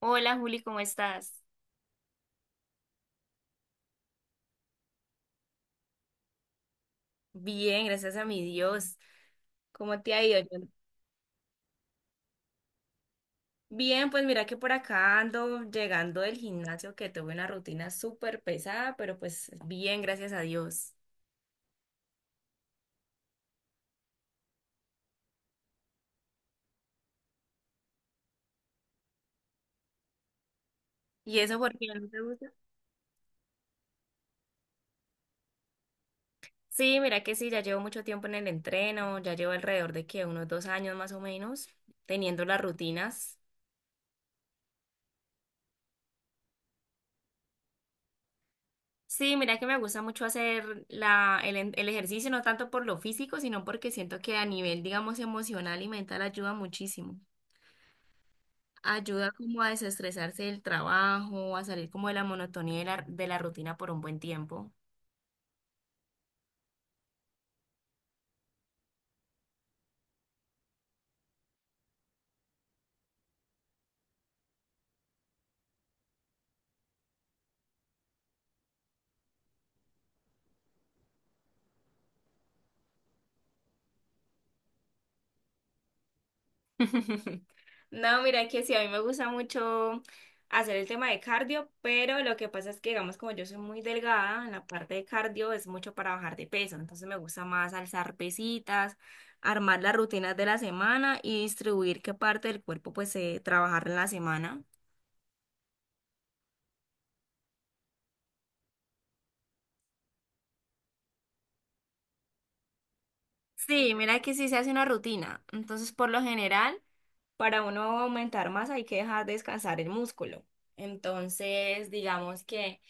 Hola Juli, ¿cómo estás? Bien, gracias a mi Dios. ¿Cómo te ha ido? Yo- bien, pues mira que por acá ando llegando del gimnasio que tuve una rutina súper pesada, pero pues bien, gracias a Dios. ¿Y eso por qué no te gusta? Sí, mira que sí, ya llevo mucho tiempo en el entreno, ya llevo alrededor de que unos 2 años más o menos teniendo las rutinas. Sí, mira que me gusta mucho hacer el ejercicio, no tanto por lo físico, sino porque siento que a nivel, digamos, emocional y mental ayuda muchísimo. Ayuda como a desestresarse del trabajo, a salir como de la monotonía de la rutina por un buen tiempo. No, mira que sí, a mí me gusta mucho hacer el tema de cardio, pero lo que pasa es que, digamos, como yo soy muy delgada, en la parte de cardio es mucho para bajar de peso, entonces me gusta más alzar pesitas, armar las rutinas de la semana y distribuir qué parte del cuerpo pues trabajar en la semana. Sí, mira que sí se hace una rutina. Entonces, por lo general, para uno aumentar masa hay que dejar descansar el músculo. Entonces, digamos que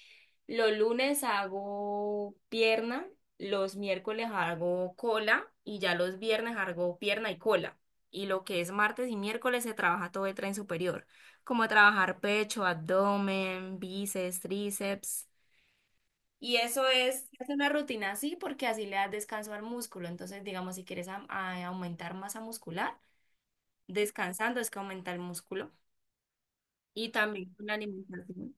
los lunes hago pierna, los miércoles hago cola y ya los viernes hago pierna y cola. Y lo que es martes y miércoles se trabaja todo el tren superior, como trabajar pecho, abdomen, bíceps, tríceps. Y eso es una rutina así porque así le das descanso al músculo. Entonces, digamos, si quieres aumentar masa muscular, descansando es que aumenta el músculo. Y también con la alimentación.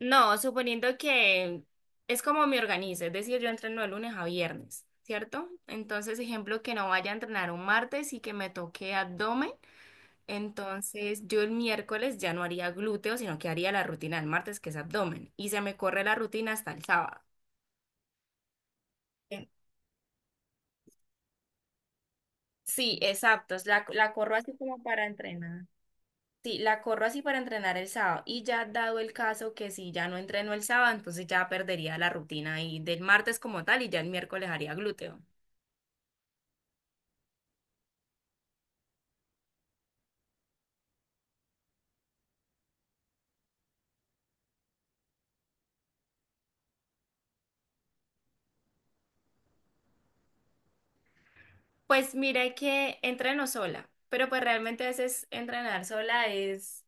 No, suponiendo que es como me organizo, es decir, yo entreno de lunes a viernes, ¿cierto? Entonces, ejemplo, que no vaya a entrenar un martes y que me toque abdomen, entonces yo el miércoles ya no haría glúteo, sino que haría la rutina del martes, que es abdomen, y se me corre la rutina hasta el sábado. Sí, exacto. Es la corro así como para entrenar. Sí, la corro así para entrenar el sábado. Y ya dado el caso que si ya no entreno el sábado, entonces ya perdería la rutina y del martes como tal y ya el miércoles haría glúteo. Pues mire que entreno sola, pero pues realmente a veces entrenar sola es,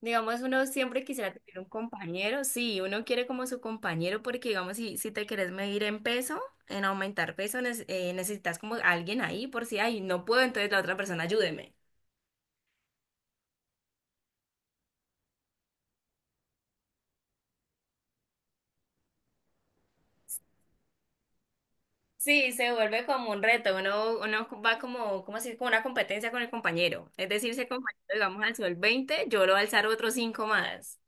digamos, uno siempre quisiera tener un compañero. Sí, uno quiere como su compañero porque, digamos, si te quieres medir en peso, en aumentar peso, necesitas como alguien ahí por si, ay, no puedo, entonces la otra persona ayúdeme. Sí, se vuelve como un reto, uno va como, ¿cómo así? Como una competencia con el compañero. Es decir, si el compañero, digamos, alzó 20, yo lo voy a alzar otros cinco más.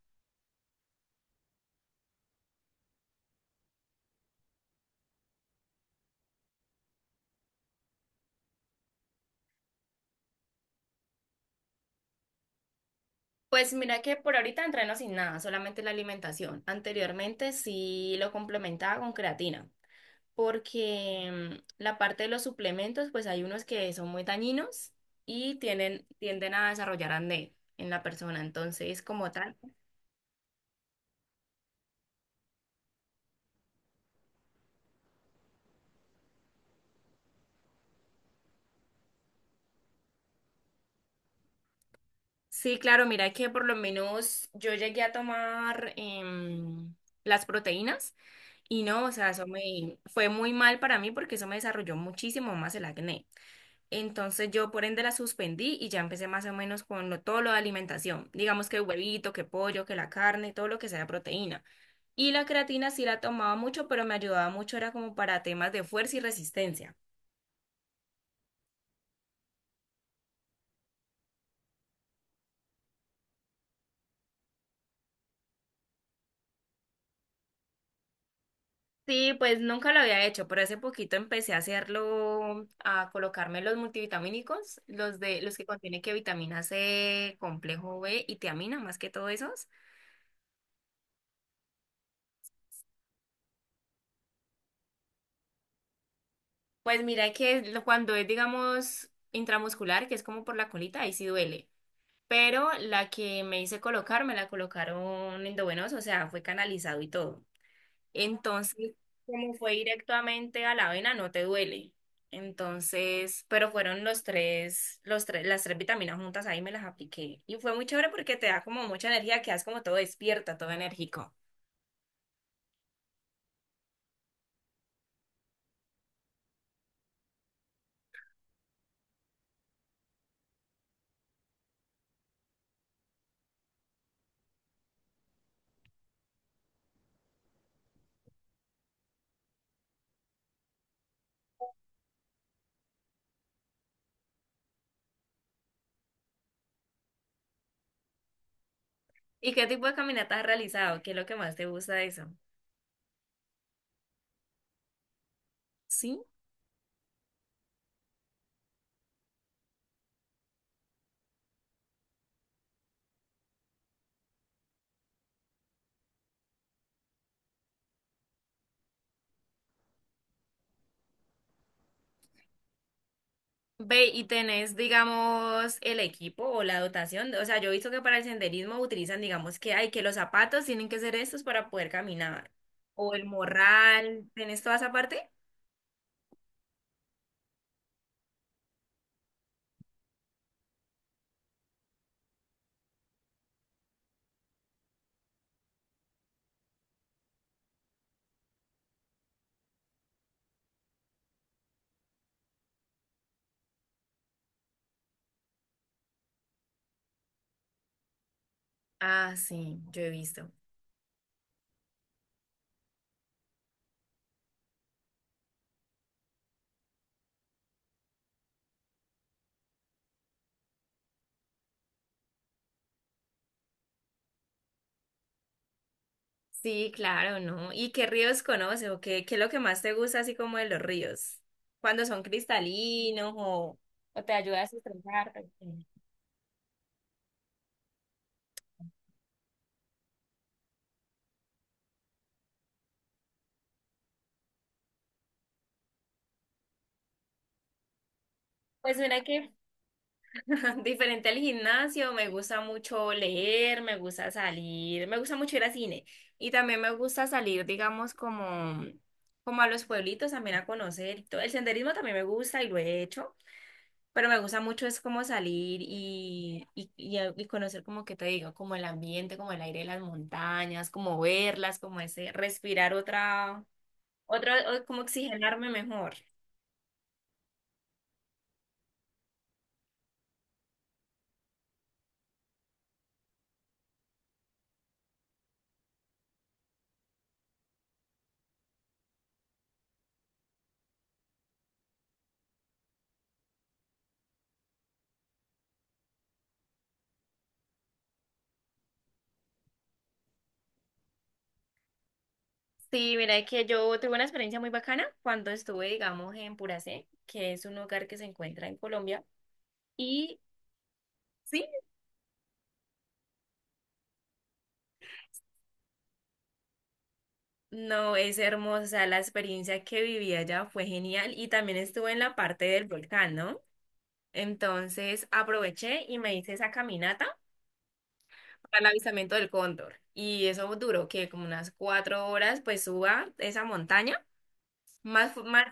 Pues mira que por ahorita entreno sin nada, solamente la alimentación. Anteriormente sí lo complementaba con creatina, porque la parte de los suplementos, pues hay unos que son muy dañinos y tienden a desarrollar acné en la persona. Entonces, como tal, sí, claro, mira que por lo menos yo llegué a tomar las proteínas y no, o sea, eso me fue muy mal para mí porque eso me desarrolló muchísimo más el acné. Entonces yo por ende la suspendí y ya empecé más o menos con todo lo de alimentación, digamos que huevito, que pollo, que la carne, todo lo que sea proteína. Y la creatina sí la tomaba mucho, pero me ayudaba mucho, era como para temas de fuerza y resistencia. Sí, pues nunca lo había hecho, pero hace poquito empecé a hacerlo, a colocarme los multivitamínicos, los de los que contienen que vitamina C, complejo B y tiamina, más que todo esos. Pues mira que cuando es, digamos, intramuscular, que es como por la colita, ahí sí duele. Pero la que me hice colocar, me la colocaron endovenosa, o sea, fue canalizado y todo. Entonces, como fue directamente a la vena no te duele. Entonces, pero fueron las tres vitaminas juntas ahí me las apliqué. Y fue muy chévere porque te da como mucha energía, quedas como todo despierta, todo enérgico. ¿Y qué tipo de caminatas has realizado? ¿Qué es lo que más te gusta de eso? Sí. Ve, y tenés, digamos, el equipo o la dotación. O sea, yo he visto que para el senderismo utilizan, digamos, que hay que los zapatos tienen que ser estos para poder caminar. O el morral, ¿tenés toda esa parte? Ah, sí, yo he visto. Sí, claro, ¿no? ¿Y qué ríos conoces o qué es lo que más te gusta así como de los ríos? Cuando son cristalinos o te ayuda a estresarte. Pues mira que diferente al gimnasio, me gusta mucho leer, me gusta salir, me gusta mucho ir al cine y también me gusta salir, digamos, como, como a los pueblitos también a conocer. Y todo. El senderismo también me gusta y lo he hecho. Pero me gusta mucho es como salir y conocer como que te digo, como el ambiente, como el aire de las montañas, como verlas, como ese respirar otra, como oxigenarme mejor. Sí, mira que yo tuve una experiencia muy bacana cuando estuve, digamos, en Puracé, que es un lugar que se encuentra en Colombia. Y sí, no, es hermosa, o sea, la experiencia que viví allá fue genial y también estuve en la parte del volcán, ¿no? Entonces aproveché y me hice esa caminata para el avistamiento del cóndor. Y eso duró que como unas 4 horas, pues suba esa montaña. Más.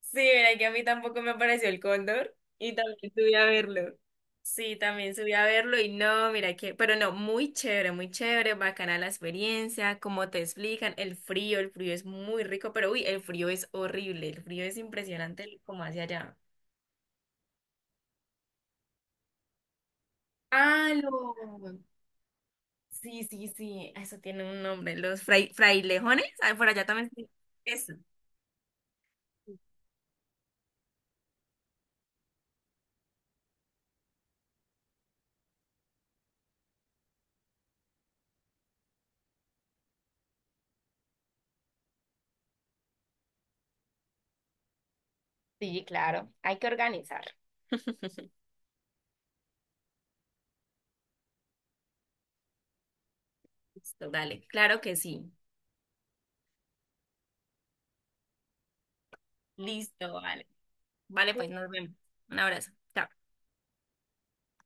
Sí, mira que a mí tampoco me apareció el cóndor y también subí a verlo. Sí, también subí a verlo y no, mira que, pero no, muy chévere, bacana la experiencia, como te explican, el frío es muy rico, pero uy, el frío es horrible, el frío es impresionante como hacia allá. ¡Halo! Sí, sí, sí, eso tiene un nombre, los frailejones, ah, por allá también. Se- eso. Sí, claro, hay que organizar. Listo, dale, claro que sí. Listo, vale. Vale, pues nos vemos. Un abrazo. Chao.